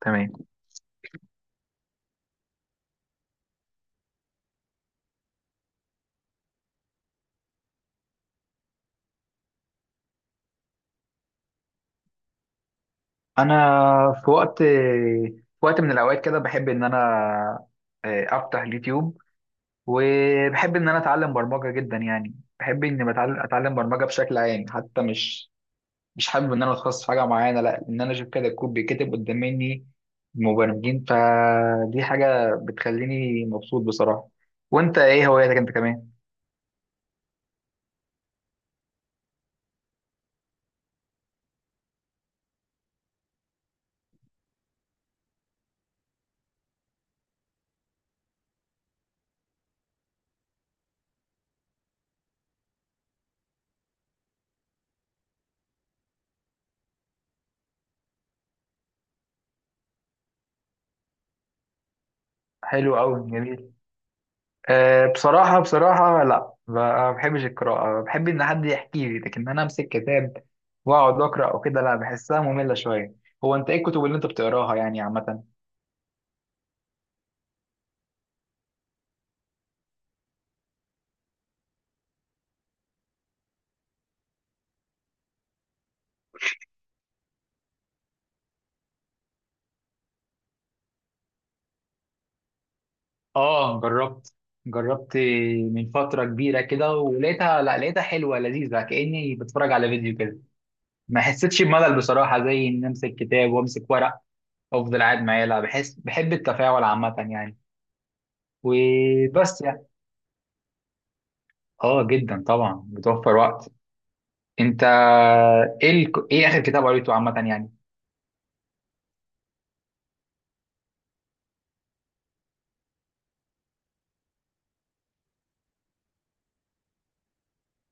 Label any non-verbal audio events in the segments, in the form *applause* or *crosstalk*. تمام. انا في وقت من الاوقات كده بحب ان انا افتح اليوتيوب، وبحب ان انا اتعلم برمجه جدا. يعني بحب اني اتعلم برمجه بشكل عام، حتى مش حابب ان انا اتخصص في حاجه معينه، لا، ان انا اشوف كده الكود بيتكتب قدام مني مبرمجين. فدي حاجه بتخليني مبسوط بصراحه. وانت ايه هواياتك انت كمان؟ حلو قوي، جميل. أه، بصراحة بصراحة لا، ما بحبش القراءة. بحب إن حد يحكي لي، لكن أنا أمسك كتاب وأقعد أقرأ أو كده لا، بحسها مملة شوية. هو أنت إيه الكتب اللي أنت بتقراها يعني عامة؟ آه، جربت، جربت. من فترة كبيرة كده ولقيتها، لا، لقيتها حلوة لذيذة، كأني بتفرج على فيديو كده. ما حسيتش بملل بصراحة، زي إن أمسك كتاب وأمسك ورق وأفضل قاعد معاه، لا، بحس بحب التفاعل عامة يعني. وبس يعني. آه جدا، طبعا بتوفر وقت. انت ايه اخر كتاب قريته عامه يعني؟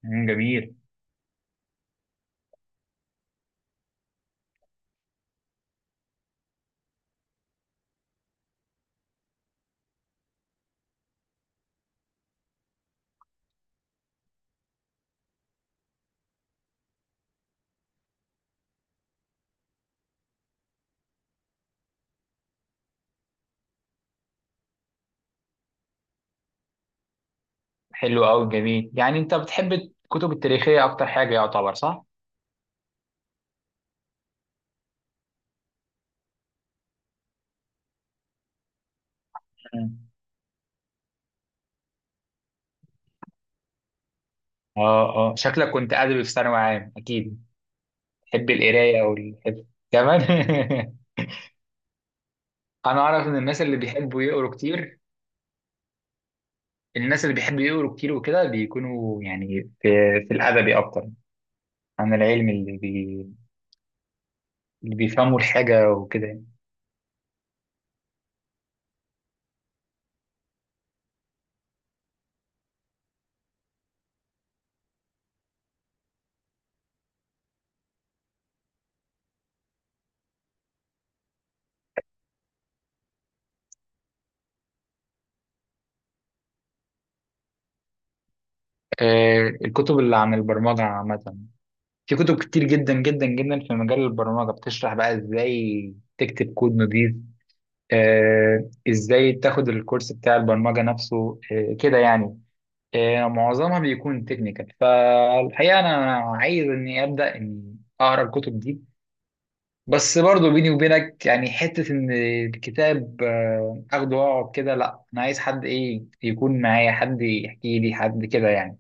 مم، جميل. حلو قوي، جميل. يعني انت بتحب الكتب التاريخيه اكتر حاجه، يعتبر، صح؟ مم. اه، اه، شكلك كنت ادبي في ثانوي عام، اكيد تحب القرايه والحفظ كمان. *laughs* انا اعرف ان الناس اللي بيحبوا يقروا كتير، الناس اللي بيحبوا يقروا كتير وكده، بيكونوا يعني في الادبي اكتر عن العلم، اللي، اللي بيفهموا الحاجه وكده. آه، الكتب اللي عن البرمجه عامه. في كتب كتير جدا جدا جدا في مجال البرمجة، بتشرح بقى ازاي تكتب كود نظيف. ازاي تاخد الكورس بتاع البرمجة نفسه، كده يعني. معظمها بيكون تكنيكال. فالحقيقة انا عايز اني ابدأ اني اقرا الكتب دي. بس برضو بيني وبينك، يعني حتة ان الكتاب اخده واقعد كده، لا، انا عايز حد، ايه، يكون معايا، حد يحكي لي، حد كده يعني.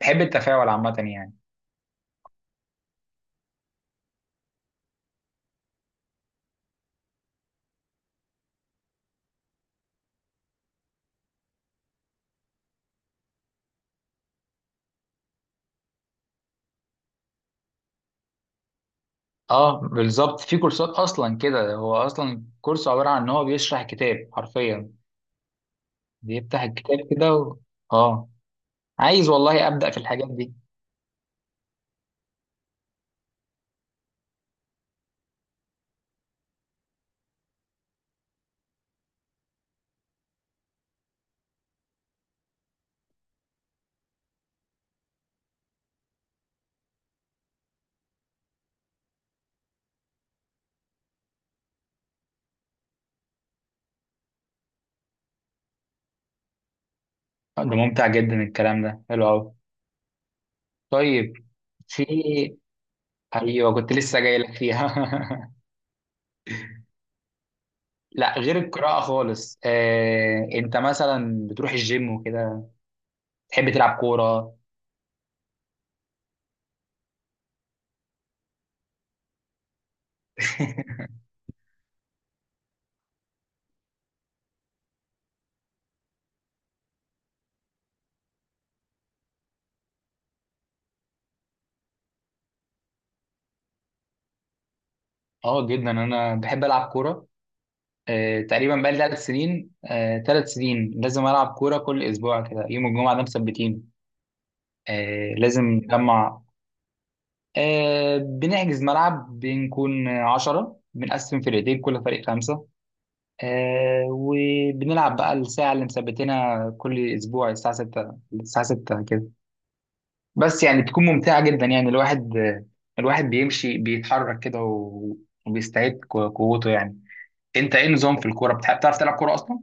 بحب التفاعل عامة يعني. اه، بالظبط، في كورسات اصلا كده. هو اصلا كورس عباره عن ان هو بيشرح كتاب حرفيا، بيفتح الكتاب كده و... اه، عايز والله ابدا في الحاجات دي. ده ممتع جدا، الكلام ده حلو قوي. طيب، في... ايوه، كنت لسه جاي لك فيها. *laughs* لا، غير القراءه خالص، انت مثلا بتروح الجيم وكده؟ تحب تلعب كوره؟ *laughs* اه جدا، انا بحب العب كوره. تقريبا بقالي 3 سنين، 3 سنين لازم العب كوره كل اسبوع، كده يوم الجمعه ده مثبتين. لازم نجمع. بنحجز ملعب، بنكون 10، بنقسم فرقتين، كل فريق 5. وبنلعب بقى الساعة اللي مثبتينها كل أسبوع، الساعة 6، الساعة 6 كده. بس يعني بتكون ممتعة جدا. يعني الواحد بيمشي بيتحرك كده و- وبيستعيد قوته يعني. أنت إيه نظام في الكورة، بتحب، تعرف تلعب كورة أصلا؟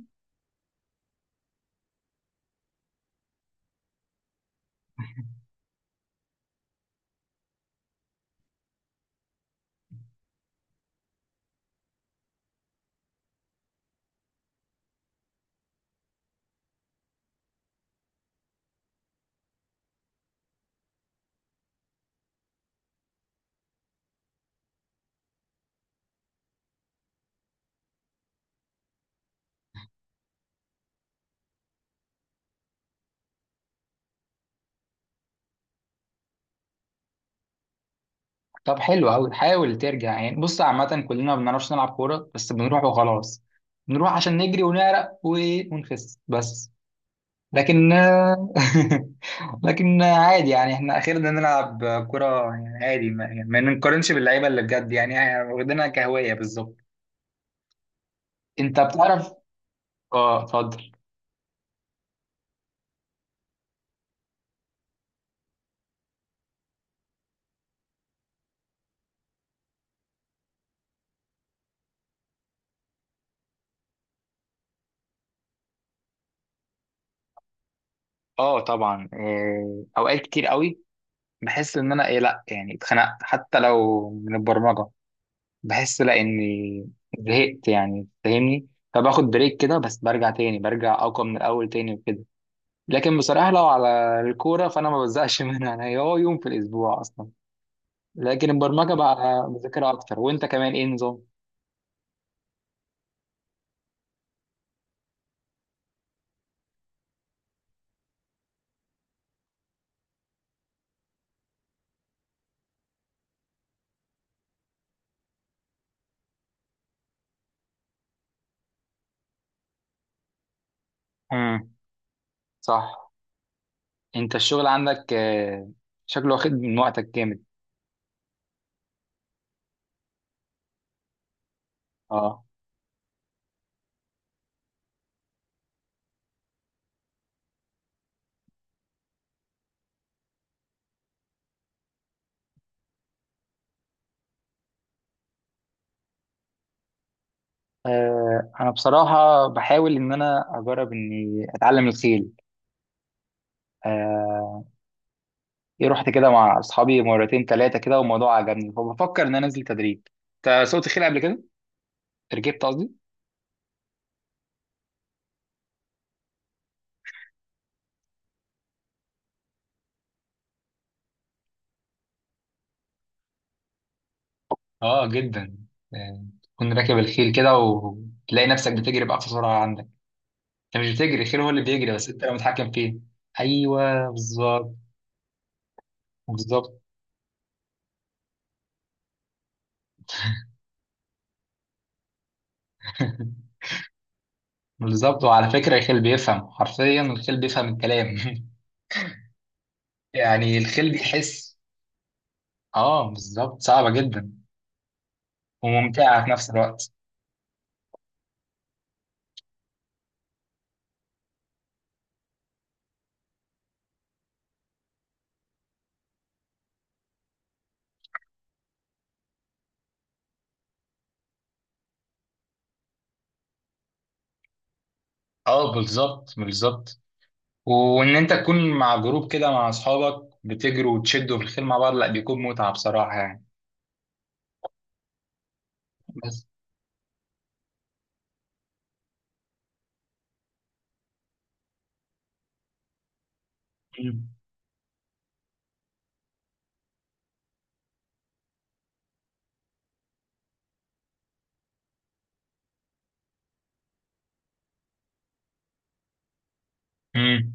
طب حلو قوي، حاول ترجع يعني. بص، عامة كلنا ما بنعرفش نلعب كورة، بس بنروح وخلاص. بنروح عشان نجري ونعرق ونخس بس. لكن *laughs* لكن عادي يعني، احنا اخيرا نلعب كرة. يعني عادي، ما نقارنش باللعيبة اللي بجد. يعني احنا واخدينها كهواية بالظبط. انت بتعرف؟ اه، اتفضل. اه طبعا، اوقات كتير قوي بحس ان انا، ايه، لا يعني، اتخنقت حتى لو من البرمجة. بحس لا، اني زهقت يعني، فاهمني؟ فباخد بريك كده، بس برجع تاني، برجع اقوى من الاول تاني وكده. لكن بصراحه لو على الكوره فانا ما بزهقش *laughs* منها. انا هي، هو يوم في الاسبوع اصلا. لكن البرمجه بقى مذاكره اكتر. وانت كمان ايه نظام؟ امم. صح. انت الشغل عندك، شكله واخد من وقتك جامد. اه، انا بصراحه بحاول ان انا اجرب اني اتعلم الخيل. آه، رحت كده مع اصحابي مرتين ثلاثه كده، والموضوع عجبني، فبفكر ان انا انزل تدريب. انت سوقت خيل قبل كده؟ ركبت قصدي. اه جدا. يعني تكون راكب الخيل كده وتلاقي نفسك بتجري بأقصى سرعة عندك. انت مش بتجري، الخيل هو اللي بيجري، بس انت اللي متحكم فيه. ايوه، بالظبط، بالظبط. *laughs* بالظبط. وعلى فكرة، الخيل بيفهم، حرفيا الخيل بيفهم الكلام. *laughs* يعني الخيل بيحس. اه بالظبط، صعبة جدا وممتعة في نفس الوقت. اه بالظبط، بالظبط. وان انت تكون مع جروب كده مع اصحابك، بتجروا وتشدوا في الخيل مع بعض، لا، بيكون متعة بصراحة يعني. بس. مم. مم.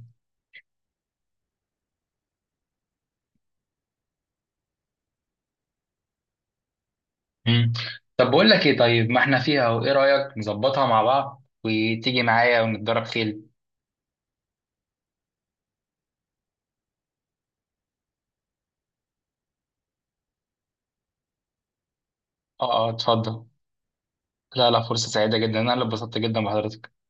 مم. طب بقول لك ايه، طيب، ما احنا فيها، وايه رأيك نظبطها مع بعض وتيجي معايا ونتدرب خيل؟ اه، اه، اتفضل. لا، لا، فرصة سعيدة جدا، انا اللي اتبسطت جدا بحضرتك.